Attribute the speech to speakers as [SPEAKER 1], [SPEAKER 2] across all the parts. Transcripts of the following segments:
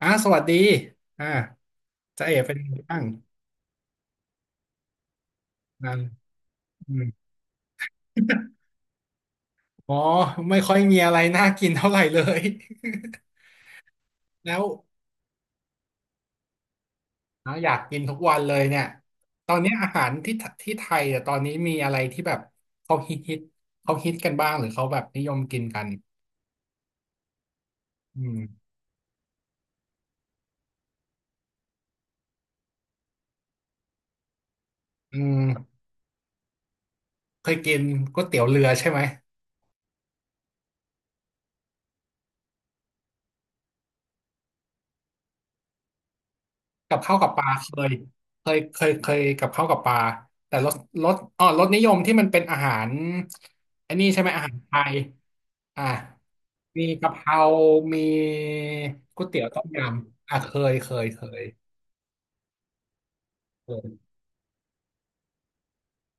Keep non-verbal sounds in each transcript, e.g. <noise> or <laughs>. [SPEAKER 1] อ่าสวัสดีอ่าจะเอ๋เป็นยังไงบ้างนั่นอืม <laughs> อ๋อไม่ค่อยมีอะไรน่ากินเท่าไหร่เลย <laughs> แล้วอะอยากกินทุกวันเลยเนี่ยตอนนี้อาหารที่ที่ไทยอ่ะตอนนี้มีอะไรที่แบบเขาฮิตเขาฮิตกันบ้างหรือเขาแบบนิยมกินกันอืมอืมเคยกินก๋วยเตี๋ยวเรือใช่ไหม กับข้าวกับปลาเคยเคยเคยเคยกับข้าวกับปลาแต่รสรสอ๋อรสนิยมที่มันเป็นอาหารอันนี้ใช่ไหมอาหารไทยอ่ะมีกะเพรามีก๋วยเตี๋ยวต้มยำอ่ะเคยเคยเคยเคย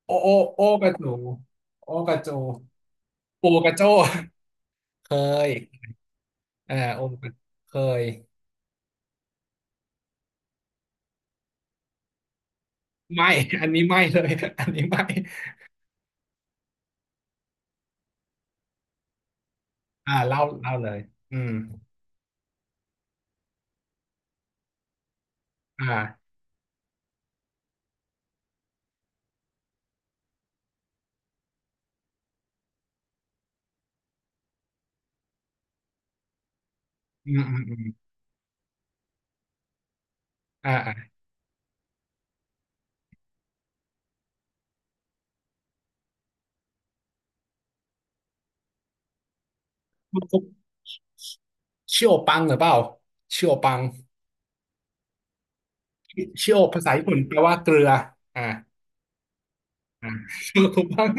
[SPEAKER 1] โอโอโอกระจูโอกระจูปูกระโจ้เคยเอ่าโอกระเคยไม่ <laughs> อันนี้ไม่เลยอันนี้ไม่อ่าเล่าเล่าเลยอืมอ่าอืมอืมอืมอ่าอ่า ชิโอปังหรือเปล่าชิโอปังชิโอภาษาญี่ปุ่นแปลว่าเกลืออ่าอ่าชิโอคุปัง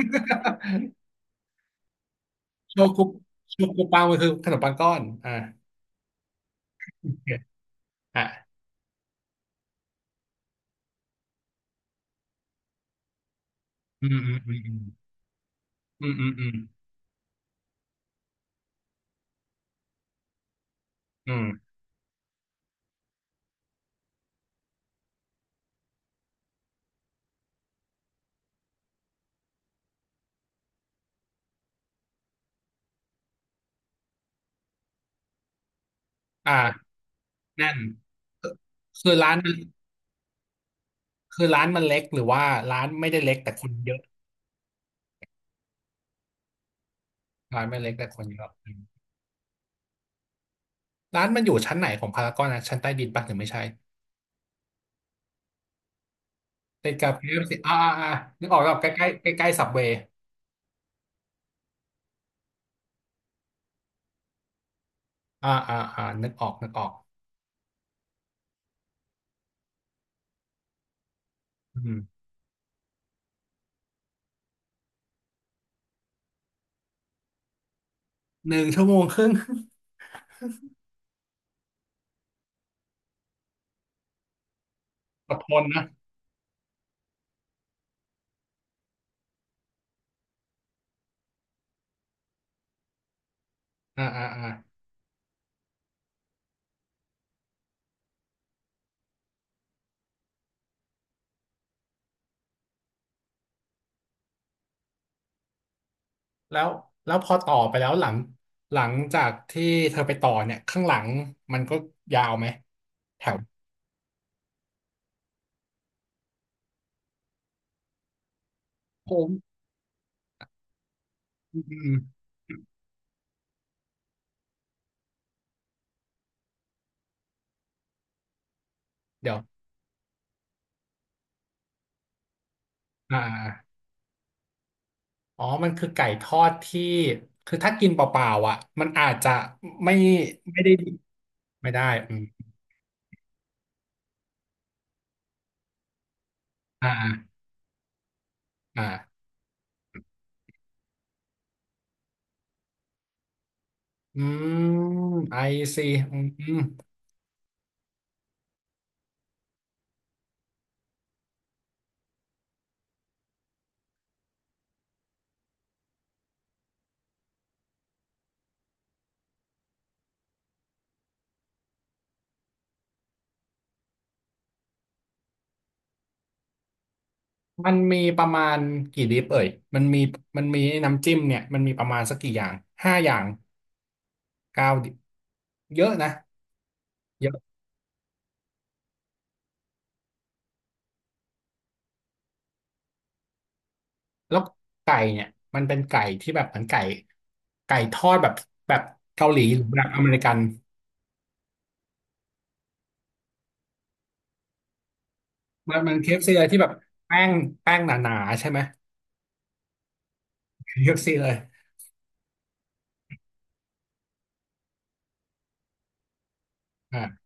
[SPEAKER 1] ชิโอคุชิโอคุปังมันคือขนมปังก้อนอ่าโอเคอ่าอืมอืมอืมอืมอืมอืมอืมอ่าแนั่น คือร้านมันคือร้านมันเล็กหรือว่าร้านไม่ได้เล็กแต่คนเยอะ ร้านไม่เล็กแต่คนเยอะอืมร้านมันอยู่ชั้นไหนของพารากอนนะชั้นใต้ดินปะหรือไม่ใช่ติดกับ k อฟซีอ่าอ่าอ่านึกออกแล้วใกล้ใกล้ใกล้ใกล้ซับเวย์อ่าอ่าอ่านึกออกนึกออก อืมหนึ่งชั่วโมงครึ่ง <laughs> อดทนนะอ่าอ่าอ่าแล้วพอต่อไปแล้วหลังหลังจากที่เธอไปต่อเนี่ยข้างหลังมันก็ยาวไหมแถวโค้งอืมเดี๋ยวอ่าอ๋อมันคือไก่ทอดที่คือถ้ากินเปล่าๆอ่ะมันอาจจะไม่ไม่ได้ไม่ได้อืมอ่าอ่าอืม ไอซีอืม มันมีประมาณกี่ดิปเอ่ยมันมีมันมีน้ำจิ้มเนี่ยมันมีประมาณสักกี่อย่าง ห้าอย่างเก้าดิปเยอะนะเยอะแล้วไก่เนี่ยมันเป็นไก่ที่แบบเหมือนไก่ไก่ทอดแบบแบบเกาหลีหรือแบบอเมริกัน มัน k ซีเลยที่แบบแป้งแป้งหนาๆใช่ไหมเ k ซีเลยอ่า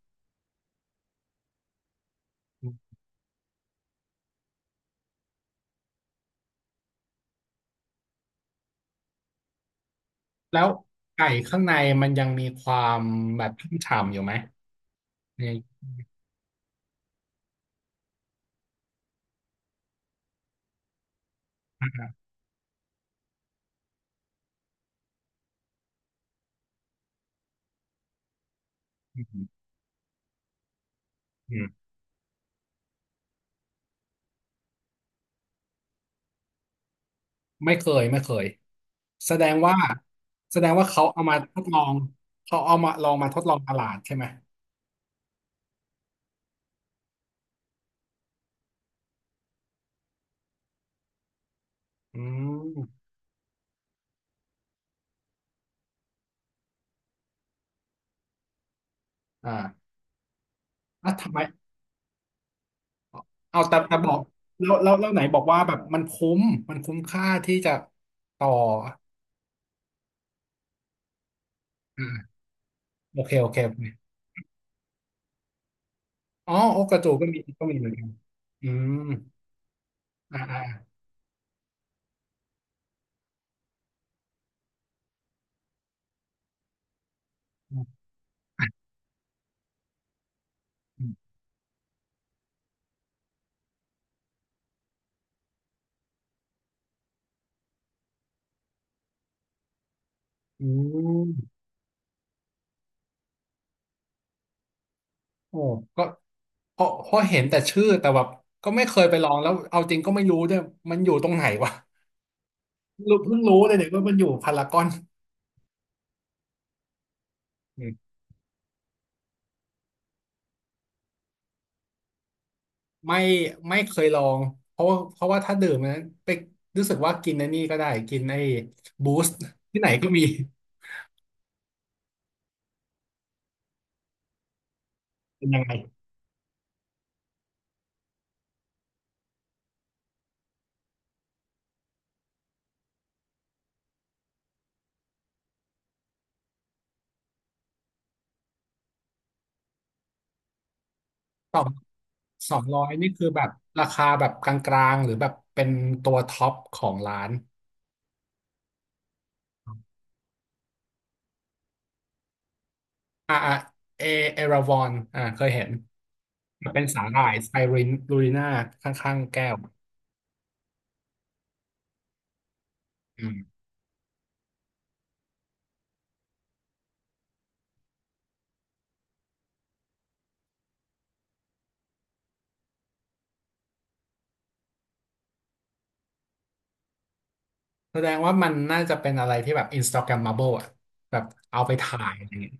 [SPEAKER 1] แล้วไก่ข้างในมันยังมีความแบบชุ่มฉ่ำอยู่ไหมในอืม ไม่เคยไม่เคยแสดงว่าแสดงว่าเขาเอามาทดลองเขาเอามาลองมาทดลองตลาดใช่ไหมอืมอ่าอ่ะทำไมเอาแต่บอกแล้วไหนบอกว่าแบบมันคุ้มมันคุ้มค่าที่จะต่ออ่าโอเคโอเคโอเคอ๋อโอกระจูก็มีก็มีเหมือนกันอืมอ่าอ่าอ่าอืมโอ้ก็เพราะเห็นแต่ชื่อแต่แบบก็ไม่เคยไปลองแล้วเอาจริงก็ไม่รู้ด้วยมันอยู่ตรงไหนวะ รู้เพิ่งรู้เลยเนี่ยว่ามันอยู่พารากอนอืมไม่ไม่เคยลองเพราะว่าถ้าดื่มนะไปรู้สึกว่ากินไอ้นี่ก็ได้กินไอ้บูสต์ที่ไหนก็มีเป็นยังไงสองสองร้อยนี่คือแบบราคาแบบกลางๆหรือแบบเป็นตัวท็อปของร้านอ่าอ่าเอเอราวอนอ่าเคยเห็นมันเป็นสาหร่ายไซรินลูริน่าข้างๆแก้วอืมแสดงว่ามันน่าจะเป็นอะไรที่แบบ Instagrammable อ่ะแบบเอาไปถ่ายอะไรอย่างเงี้ย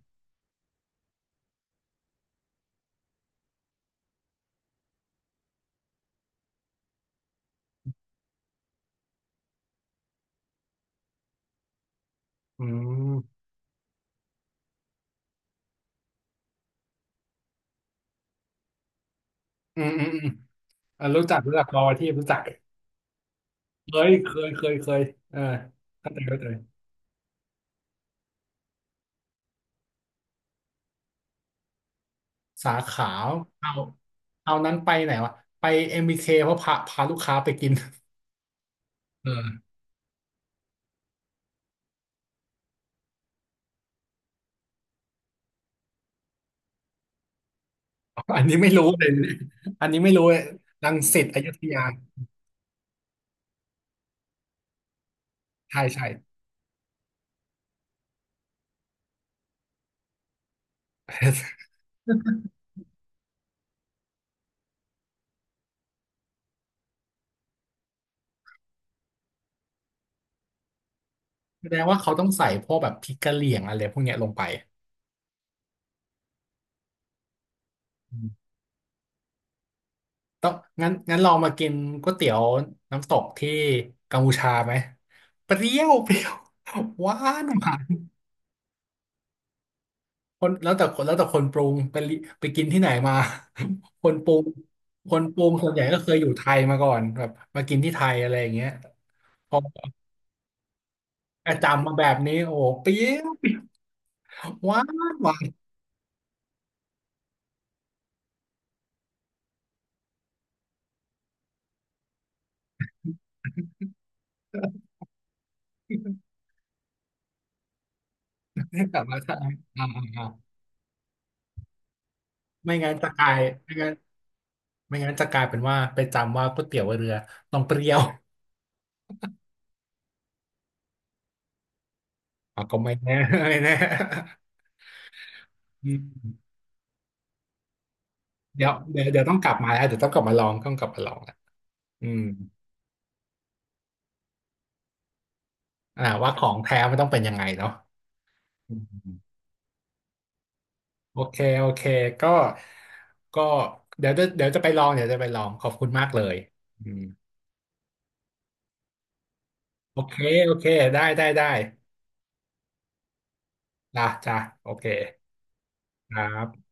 [SPEAKER 1] อืมอืมอืมอืมอ่ะรู้จักรู้จักรอที่รู้จัก เคยเคยเคยเคยเออเข้าใจเข้าใจสาขาเอาเอานั้นไปไหนวะไปเอ็มบีเคเพราะพาพาลูกค้าไปกินเอออันนี้ไม่รู้เลยอันนี้ไม่รู้เลยรังสิตอยุธยา ใช่ใช่ <laughs> แสดงว่าเขาต้องใส่พวกแบบพริกกะเหรี่ยงอะไรพวกเนี้ยลงไปอืมต้องงั้นงั้นลองมากินก๋วยเตี๋ยวน้ำตกที่กัมพูชาไหมเปรี้ยวเปรี้ยวหวาน คนแล้วแต่คนแล้วแต่คนปรุงไปลิไปกินที่ไหนมา <laughs> คนปรุงคนปรุงส่วนใหญ่ก็เคยอยู่ไทยมาก่อนแบบมากินที่ไทยอะไรอย่างเงี้ยพอจำมาแบบนี้โอ้โหเปรี้ยวหวานหวานกลับมาไทยอ่าอ่าไม่งั้นจะกลายไม่งั้นไม่งั้นจะกลายเป็นว่าไปจำว่าก๋วยเตี๋ยวเรือต้องเปรี้ยวอ่ะก็ไม่แน่ <laughs> ไม่แน่อืมเดี๋ยวเดี๋ยวเดี๋ยวต้องกลับมาแล้วเดี๋ยวต้องกลับมาลองต้องกลับมาลองแหละอืมอ่าว่าของแท้มันต้องเป็นยังไงเนาะอืม โอเคโอเคก็ก็เดี๋ยวจะเดี๋ยวจะไปลองเดี๋ยวจะไปลองขอบคุณมากเลยอืมโอเคโอเคได้ได้ได้จ้ะจ้ะโอเคครับ